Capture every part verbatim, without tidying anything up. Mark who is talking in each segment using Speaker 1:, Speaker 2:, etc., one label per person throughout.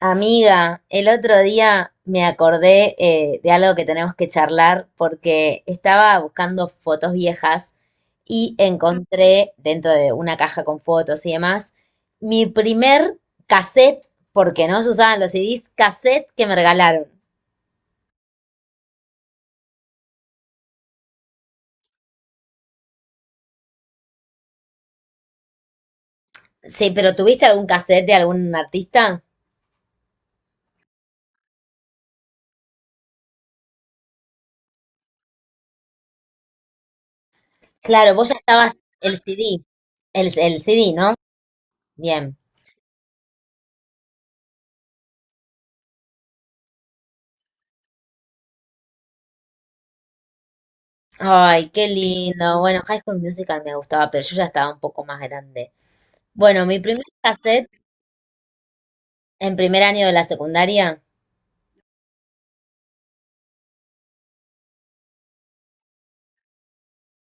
Speaker 1: Amiga, el otro día me acordé eh, de algo que tenemos que charlar porque estaba buscando fotos viejas y encontré dentro de una caja con fotos y demás mi primer cassette, porque no se usaban los C Ds, cassette que me regalaron. Sí, pero ¿tuviste algún cassette de algún artista? Claro, vos ya estabas el C D, el, el C D, ¿no? Bien. Ay, qué lindo. Bueno, High School Musical me gustaba, pero yo ya estaba un poco más grande. Bueno, mi primer cassette en primer año de la secundaria.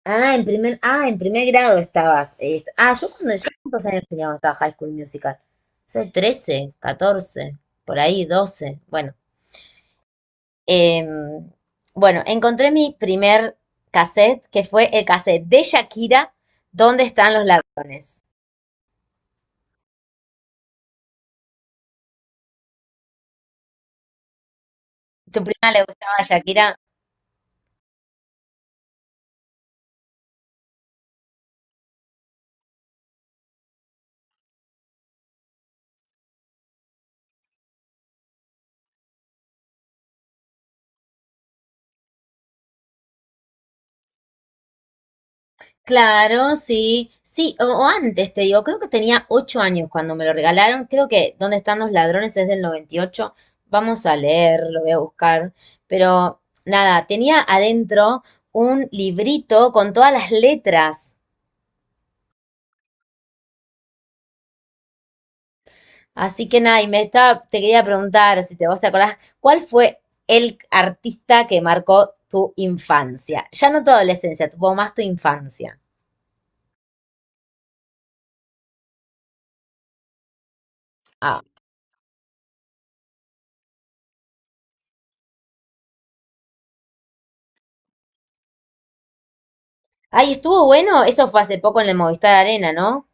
Speaker 1: Ah, en primer, ah, en primer grado estabas. Eh, ah, yo cuando, yo cuántos años tenía cuando estaba High School Musical. Sí, trece, catorce, ¿por ahí doce? Bueno. Em, bueno, encontré mi primer cassette, que fue el cassette de Shakira, ¿Dónde están los ladrones? ¿Tu prima le gustaba Shakira? Claro, sí, sí, o, o antes te digo, creo que tenía ocho años cuando me lo regalaron, creo que ¿Dónde están los ladrones? Es del noventa y ocho. Vamos a leer, lo voy a buscar, pero nada, tenía adentro un librito con todas las letras, así que nada, y me estaba, te quería preguntar si te vos te acordás, ¿cuál fue el artista que marcó tu infancia? Ya no tu adolescencia, tuvo más tu infancia. Ah, ay, estuvo bueno, eso fue hace poco en el Movistar Arena, ¿no?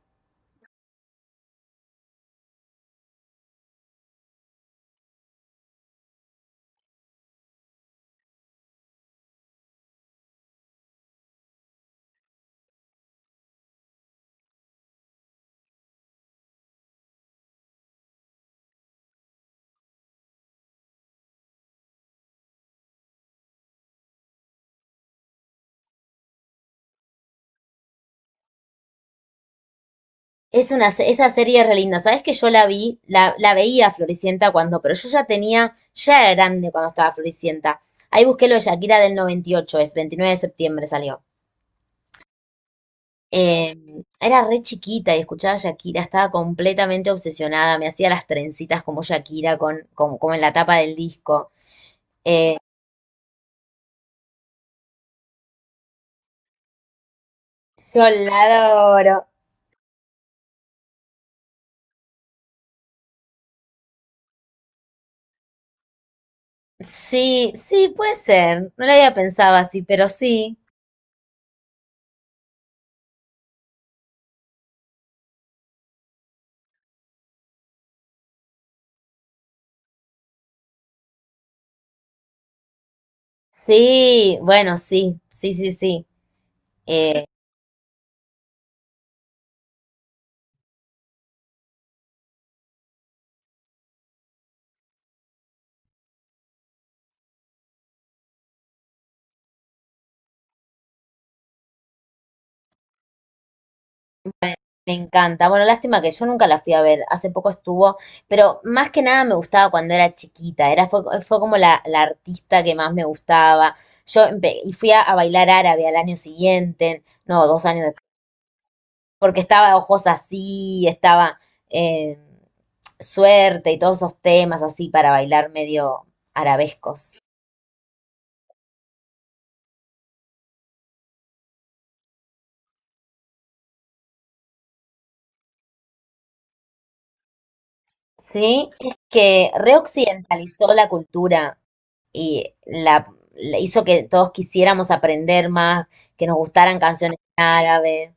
Speaker 1: Es una, esa serie es re linda. Sabes que yo la vi, la, la veía Floricienta cuando, pero yo ya tenía, ya era grande cuando estaba Floricienta. Ahí busqué lo de Shakira del noventa y ocho, es veintinueve de septiembre salió. Eh, Era re chiquita y escuchaba a Shakira, estaba completamente obsesionada, me hacía las trencitas como Shakira, con, como, como en la tapa del disco. Eh, Yo la adoro. Sí, sí, puede ser. No la había pensado así, pero sí. Sí, bueno, sí, sí, sí, sí. Me encanta. Bueno, lástima que yo nunca la fui a ver. Hace poco estuvo, pero más que nada me gustaba cuando era chiquita. Era, fue, fue como la, la artista que más me gustaba. Yo empe- y fui a, a bailar árabe al año siguiente, no, dos años después, porque estaba Ojos así, estaba eh, Suerte y todos esos temas así para bailar medio arabescos. Sí, es que reoccidentalizó la cultura. Y la, la hizo que todos quisiéramos aprender más, que nos gustaran canciones en árabe.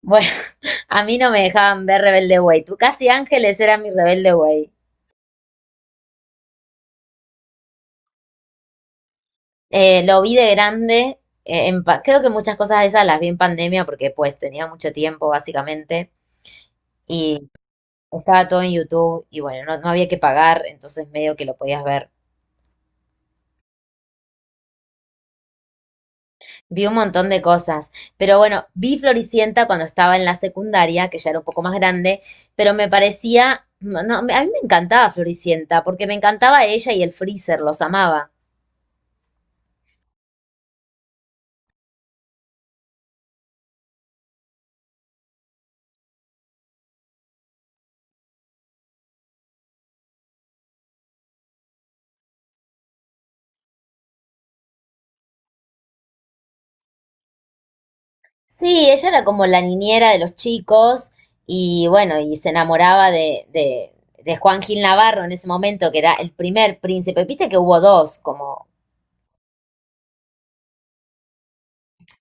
Speaker 1: Bueno, a mí no me dejaban ver Rebelde Way. Tú casi Ángeles era mi Rebelde Way. Eh, lo vi de grande. Eh, en pa- creo que muchas cosas de esas las vi en pandemia porque pues tenía mucho tiempo básicamente y estaba todo en YouTube y bueno, no, no había que pagar, entonces medio que lo podías ver. Vi un montón de cosas, pero bueno, vi Floricienta cuando estaba en la secundaria, que ya era un poco más grande, pero me parecía, no, no, a mí me encantaba Floricienta, porque me encantaba ella y el Freezer, los amaba. Sí, ella era como la niñera de los chicos y bueno, y se enamoraba de, de, de Juan Gil Navarro en ese momento, que era el primer príncipe. Viste que hubo dos, como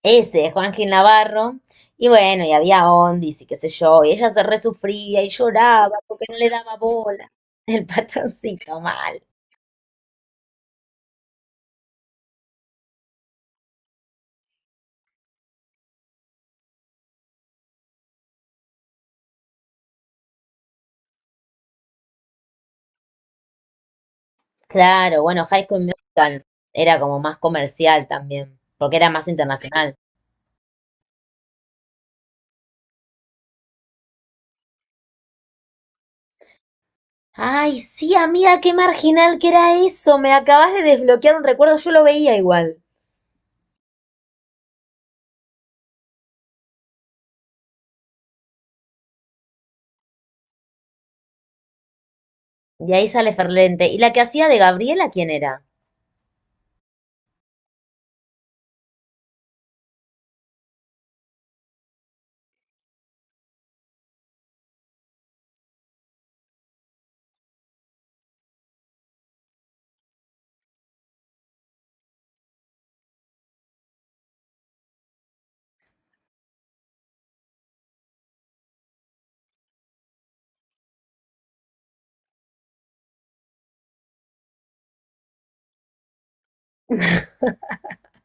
Speaker 1: ese de Juan Gil Navarro. Y bueno, y había Ondis y qué sé yo, y ella se resufría y lloraba porque no le daba bola. El patroncito mal. Claro, bueno, High School Musical era como más comercial también, porque era más internacional. Ay, sí, amiga, qué marginal que era eso. Me acabas de desbloquear un recuerdo, yo lo veía igual. Y ahí sale Ferlente. ¿Y la que hacía de Gabriela, quién era?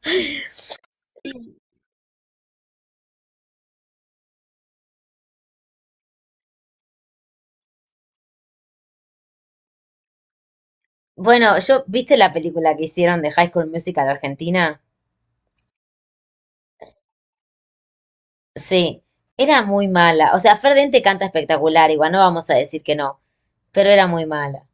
Speaker 1: Bueno, yo, ¿viste la película que hicieron de High School Musical Argentina? Sí, era muy mala. O sea, Fer Dente canta espectacular, igual no vamos a decir que no, pero era muy mala.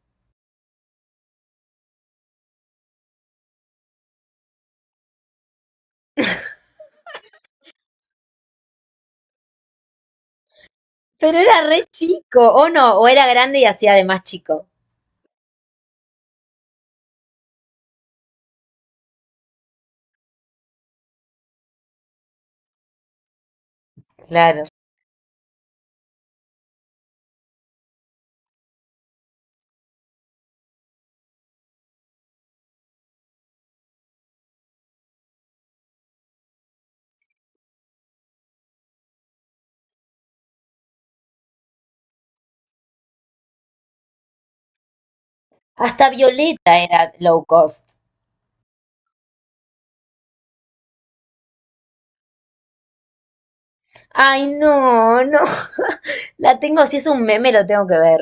Speaker 1: Pero era re chico, o no, o era grande y hacía de más chico. Claro. Hasta Violeta era low cost. Ay, no, no. La tengo, si es un meme, lo tengo que ver.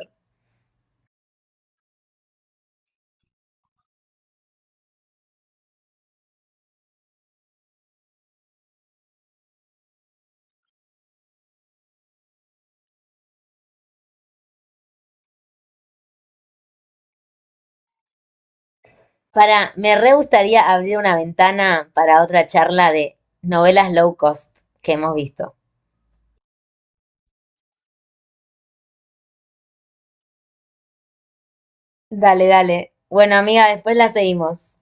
Speaker 1: Para, me re gustaría abrir una ventana para otra charla de novelas low cost que hemos visto. Dale, dale. Bueno, amiga, después la seguimos.